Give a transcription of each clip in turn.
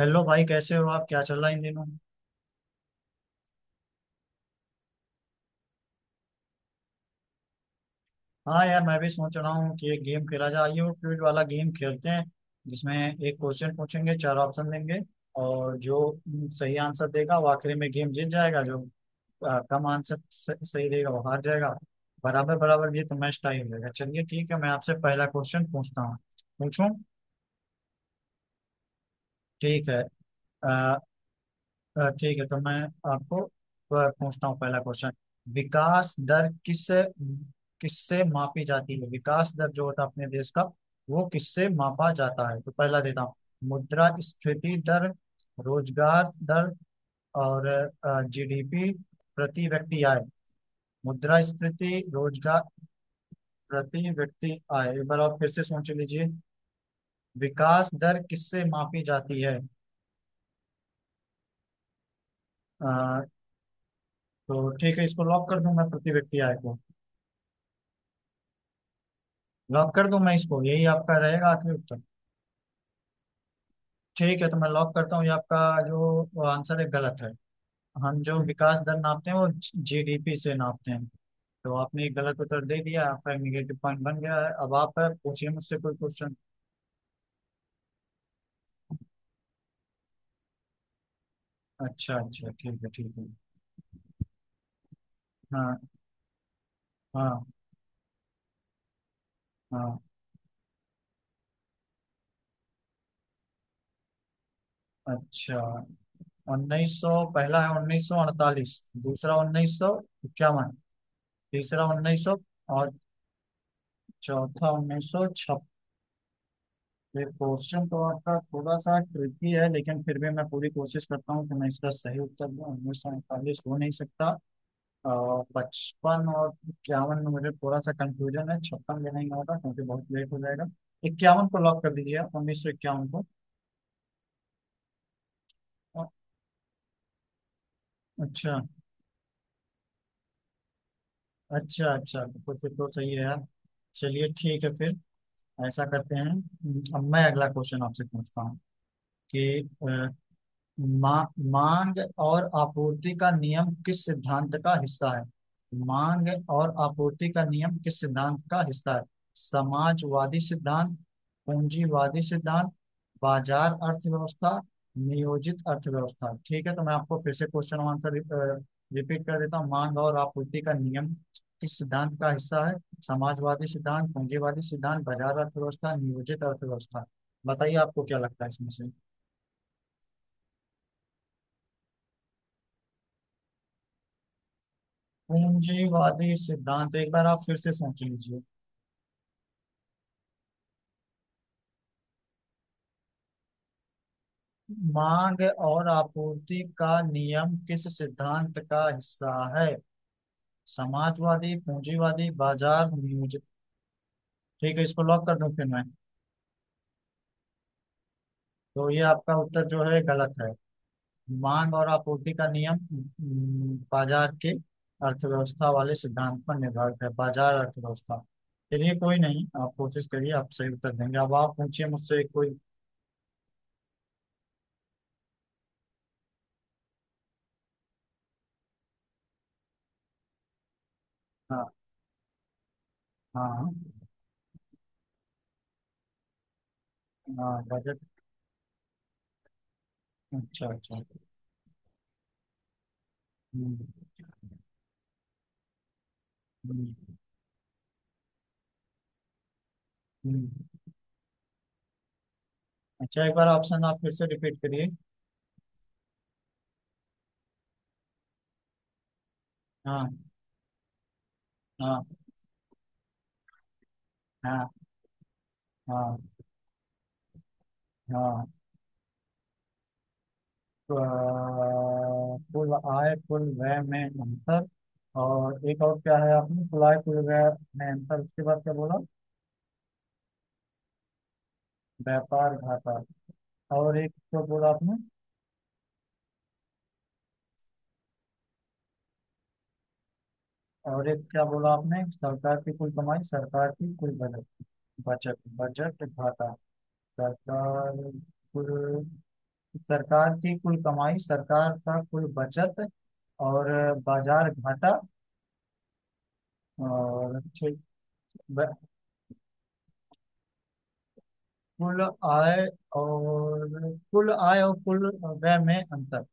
Hello भाई, कैसे हो आप? क्या चल रहा है इन दिनों? हाँ यार, मैं भी सोच रहा हूँ कि एक गेम खेला जाए। आइए वो क्विज वाला गेम खेलते हैं जिसमें एक क्वेश्चन पूछेंगे, चार ऑप्शन देंगे और जो सही आंसर देगा वो आखिरी में गेम जीत जाएगा। जो कम आंसर सही देगा वो हार जाएगा। बराबर बराबर ये तो मैच टाई हो जाएगा। चलिए ठीक है, मैं आपसे पहला क्वेश्चन पूछता हूँ, पूछूं। ठीक है। ठीक है तो मैं आपको पूछता हूँ पहला क्वेश्चन। विकास दर किससे मापी जाती है? विकास दर जो होता है अपने देश का वो किससे मापा जाता है? तो पहला देता हूँ, मुद्रा स्फीति दर, रोजगार दर और जीडीपी, प्रति व्यक्ति आय। मुद्रा स्फीति, रोजगार, प्रति व्यक्ति आय। एक बार आप फिर से सोच लीजिए, विकास दर किससे मापी जाती है? अ, तो ठीक है, इसको लॉक कर दूं मैं प्रति व्यक्ति आय को। लॉक कर दूं मैं इसको, यही आपका रहेगा आखिरी उत्तर। ठीक है तो मैं लॉक करता हूँ, ये आपका जो आंसर है गलत है। हम जो विकास दर नापते हैं वो जीडीपी से नापते हैं। तो आपने ये गलत उत्तर दे दिया, आपका निगेटिव पॉइंट बन गया है। अब आप पूछिए मुझसे कोई क्वेश्चन। अच्छा अच्छा, ठीक है ठीक है। हाँ हाँ हाँ। अच्छा, उन्नीस सौ, पहला है 1948, दूसरा उन्नीस सौ इक्यावन, तीसरा उन्नीस सौ और चौथा 1956। ये क्वेश्चन तो आपका थोड़ा सा ट्रिकी है, लेकिन फिर भी मैं पूरी कोशिश करता हूँ कि मैं इसका सही उत्तर दूँ। 1948 हो नहीं सकता, और 55 और 51 में मुझे थोड़ा सा कंफ्यूजन है, 56 में नहीं होगा क्योंकि बहुत लेट हो जाएगा। 51 को लॉक कर दीजिए आप, 1951 को। अ- अच्छा। अच्छा अच्छा, तो फिर तो सही है यार। चलिए ठीक है फिर, ऐसा करते हैं। अब मैं अगला क्वेश्चन आपसे पूछता हूँ कि अ, मा, मांग और आपूर्ति का नियम किस सिद्धांत का हिस्सा है? मांग और आपूर्ति का नियम किस सिद्धांत का हिस्सा है? समाजवादी सिद्धांत, पूंजीवादी सिद्धांत, बाजार अर्थव्यवस्था, नियोजित अर्थव्यवस्था। ठीक है तो मैं आपको फिर से क्वेश्चन आंसर रिपीट कर देता हूँ। मांग और आपूर्ति का नियम किस सिद्धांत का हिस्सा है? समाजवादी सिद्धांत, पूंजीवादी सिद्धांत, बाजार अर्थव्यवस्था, नियोजित अर्थव्यवस्था। बताइए आपको क्या लगता है इसमें से? पूंजीवादी सिद्धांत, एक बार आप फिर से सोच लीजिए। मांग और आपूर्ति का नियम किस सिद्धांत का हिस्सा है? समाजवादी, पूंजीवादी, बाजार, न्यूज। ठीक है, इसको लॉक कर दूं फिर मैं। तो ये आपका उत्तर जो है गलत है। मांग और आपूर्ति का नियम बाजार के अर्थव्यवस्था वाले सिद्धांत पर निर्धारित है, बाजार अर्थव्यवस्था। चलिए कोई नहीं, आप कोशिश करिए, आप सही उत्तर देंगे। अब आप पूछिए मुझसे कोई। हाँ हाँ, हाँ, बजट। अच्छा अच्छा। हम्म। हम्म। हम्म। अच्छा, एक बार ऑप्शन आप फिर से रिपीट करिए। हाँ। हाँ। हाँ। हाँ। हाँ। तो कुल आय कुल व्यय में अंतर, और एक और क्या है? आपने कुल आय कुल व्यय में अंतर, उसके बाद क्या बोला? व्यापार घाटा। और एक तो बोला आपने, और एक क्या बोला आपने? सरकार की कुल कमाई, सरकार की कुल बजट, बजट बजट घाटा, सरकार, कुल, सरकार की कुल कमाई, सरकार का कुल बचत और बाजार घाटा। और ठीक, ब- कुल आय और कुल आय और कुल व्यय में अंतर,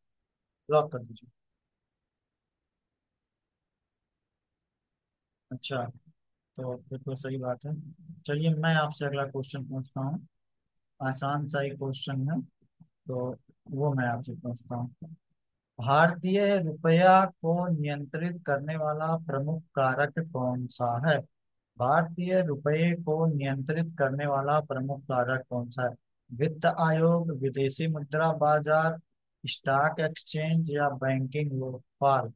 लॉक कर दीजिए। अच्छा, तो फिर तो सही बात है। चलिए मैं आपसे अगला क्वेश्चन पूछता हूँ, आसान सा ही क्वेश्चन है। तो वो मैं आपसे पूछता हूँ, भारतीय रुपया को नियंत्रित करने वाला प्रमुख कारक कौन सा है? भारतीय रुपये को नियंत्रित करने वाला प्रमुख कारक कौन सा है? वित्त आयोग, विदेशी मुद्रा बाजार, स्टॉक एक्सचेंज या बैंकिंग व्यापार?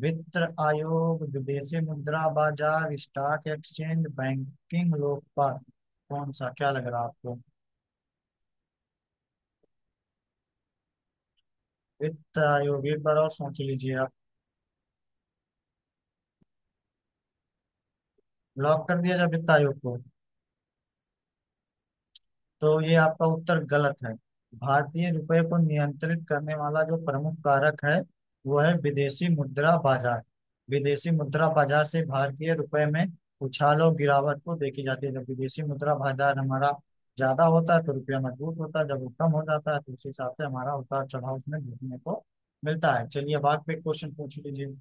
वित्त आयोग, विदेशी मुद्रा बाजार, स्टॉक एक्सचेंज, बैंकिंग व्यापार। कौन सा क्या लग रहा है आपको? वित्त आयोग, एक बार और सोच लीजिए आप। लॉक कर दिया जाए वित्त आयोग को। तो ये आपका उत्तर गलत है। भारतीय रुपए को नियंत्रित करने वाला जो प्रमुख कारक है वो है विदेशी मुद्रा बाजार। विदेशी मुद्रा बाजार से भारतीय रुपए में उछाल और गिरावट को देखी जाती है। जब विदेशी मुद्रा बाजार हमारा ज्यादा होता है तो रुपया मजबूत होता है, जब वो कम हो जाता है तो उस हिसाब से हमारा उतार चढ़ाव उसमें देखने को मिलता है। चलिए अब आप एक क्वेश्चन पूछ लीजिए।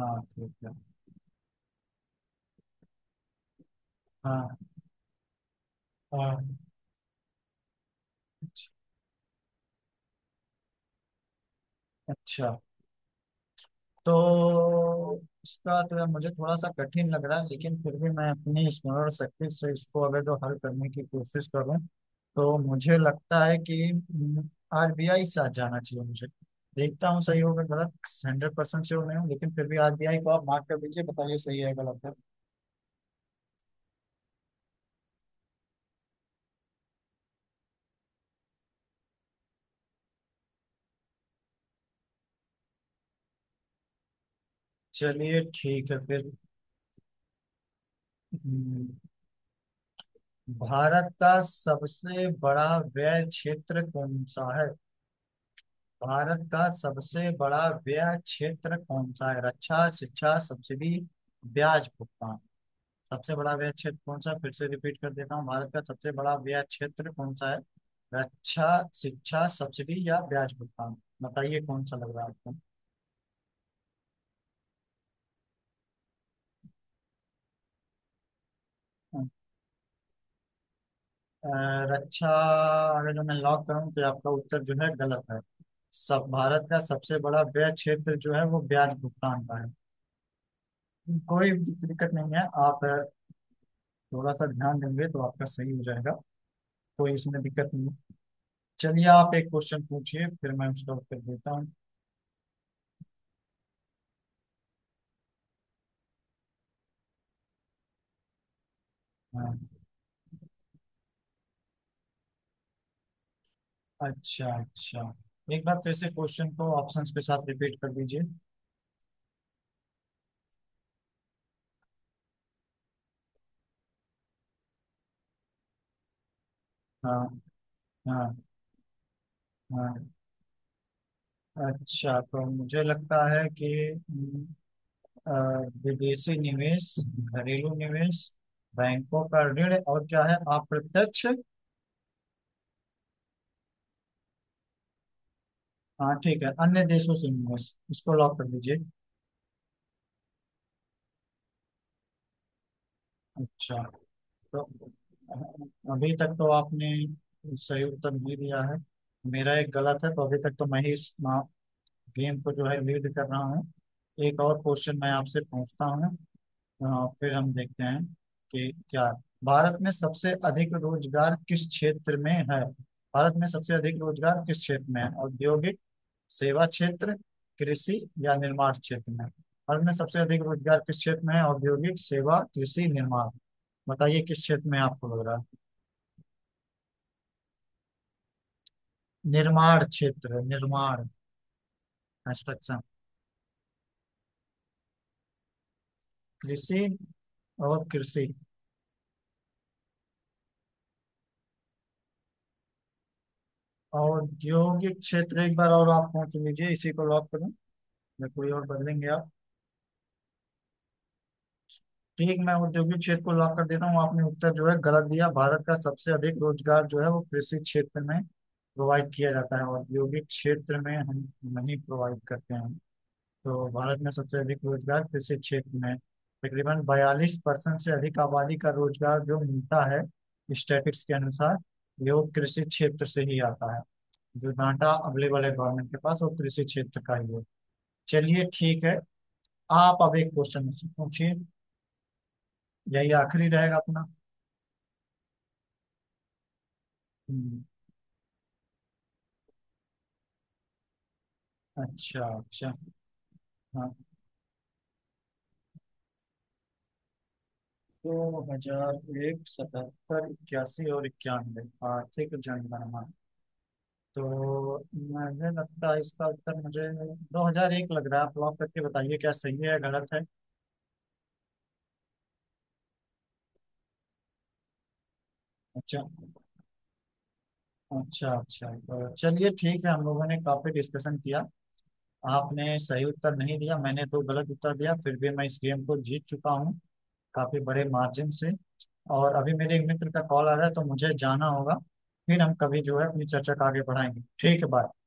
हाँ ठीक है। हाँ। हाँ। अच्छा, तो इसका तो मुझे थोड़ा सा कठिन लग रहा है लेकिन फिर भी मैं अपनी स्मरण शक्ति से इसको अगर जो हल करने की कोशिश करूं तो मुझे लगता है कि आरबीआई साथ जाना चाहिए मुझे। देखता हूँ सही होगा गलत। 100% श्योर नहीं हूँ, लेकिन फिर भी आरबीआई को आप मार्क कर दीजिए, बताइए सही है गलत है। चलिए ठीक है फिर। हम्म, भारत का सबसे बड़ा व्यय क्षेत्र कौन सा है? भारत का सबसे बड़ा व्यय क्षेत्र कौन सा है? रक्षा, शिक्षा, सब्सिडी, ब्याज भुगतान। सबसे बड़ा व्यय क्षेत्र कौन सा है? फिर से रिपीट कर देता हूँ, भारत का सबसे बड़ा व्यय क्षेत्र कौन सा है? रक्षा, शिक्षा, सब्सिडी या ब्याज भुगतान? बताइए कौन सा लग रहा है आपको। अ, रक्षा, अगर जो मैं लॉक करूँ तो आपका उत्तर जो है गलत है। सब भारत का सबसे बड़ा व्यय क्षेत्र जो है वो ब्याज भुगतान का है। कोई दिक्कत नहीं है, आप थोड़ा सा ध्यान देंगे तो आपका सही हो जाएगा, कोई इसमें दिक्कत नहीं है। चलिए आप एक क्वेश्चन पूछिए, फिर मैं उसका उत्तर देता हूँ। हाँ, अच्छा अच्छा। एक बार फिर से क्वेश्चन को ऑप्शंस के साथ रिपीट कर दीजिए। हाँ। हाँ। हाँ। अच्छा, तो मुझे लगता है कि हम्म, अ, विदेशी निवेश, घरेलू निवेश, बैंकों का ऋण, और क्या है अप्रत्यक्ष। हाँ ठीक है, अन्य देशों से निवेश, इसको लॉक कर दीजिए। अच्छा, तो अभी तक तो आपने सही उत्तर नहीं दिया है, मेरा एक गलत है, तो अभी तक तो मैं ही इस गेम को जो है लीड कर रहा हूँ। एक और क्वेश्चन मैं आपसे पूछता हूँ। हाँ, फिर हम देखते हैं कि क्या है। भारत में सबसे अधिक रोजगार किस क्षेत्र में है? भारत में सबसे अधिक रोजगार किस क्षेत्र में है? औद्योगिक, सेवा क्षेत्र, कृषि या निर्माण क्षेत्र में? भारत में सबसे अधिक रोजगार किस क्षेत्र में है? औद्योगिक, सेवा, कृषि, निर्माण। बताइए किस क्षेत्र में आपको लग रहा है। निर्माण क्षेत्र, निर्माण, कंस्ट्रक्शन, कृषि, और कृषि, औद्योगिक क्षेत्र। एक बार और आप सोच लीजिए, इसी को लॉक करें या कोई और बदलेंगे आप? ठीक, मैं औद्योगिक क्षेत्र को लॉक कर देता हूँ। आपने उत्तर जो है गलत दिया। भारत का सबसे अधिक रोजगार जो है वो कृषि क्षेत्र में प्रोवाइड किया जाता है, औद्योगिक क्षेत्र में हम नहीं प्रोवाइड करते हैं। तो भारत में सबसे अधिक रोजगार कृषि क्षेत्र में, तकरीबन 42% से अधिक आबादी का रोजगार जो मिलता है स्टैटिस्टिक्स के अनुसार, ये वो कृषि क्षेत्र से ही आता है। जो डाटा अवेलेबल है गवर्नमेंट के पास वो कृषि क्षेत्र का ही है। चलिए ठीक है, आप अब एक क्वेश्चन मुझसे पूछिए, यही आखिरी रहेगा अपना। हम्म, अच्छा अच्छा। हाँ, 2001, 77, 81 और 91, आर्थिक जनगणना। तो मुझे लगता है इसका उत्तर मुझे 2001 लग रहा है, आप लॉक करके बताइए क्या सही है या गलत है। अच्छा, अच्छा अच्छा, तो चलिए ठीक है, हम लोगों ने काफी डिस्कशन किया। आपने सही उत्तर नहीं दिया, मैंने दो गलत उत्तर दिया, फिर भी मैं इस गेम को जीत चुका हूँ, काफी बड़े मार्जिन से। और अभी मेरे एक मित्र का कॉल आ रहा है तो मुझे जाना होगा। फिर हम कभी जो है अपनी चर्चा को आगे बढ़ाएंगे। ठीक है, बाय।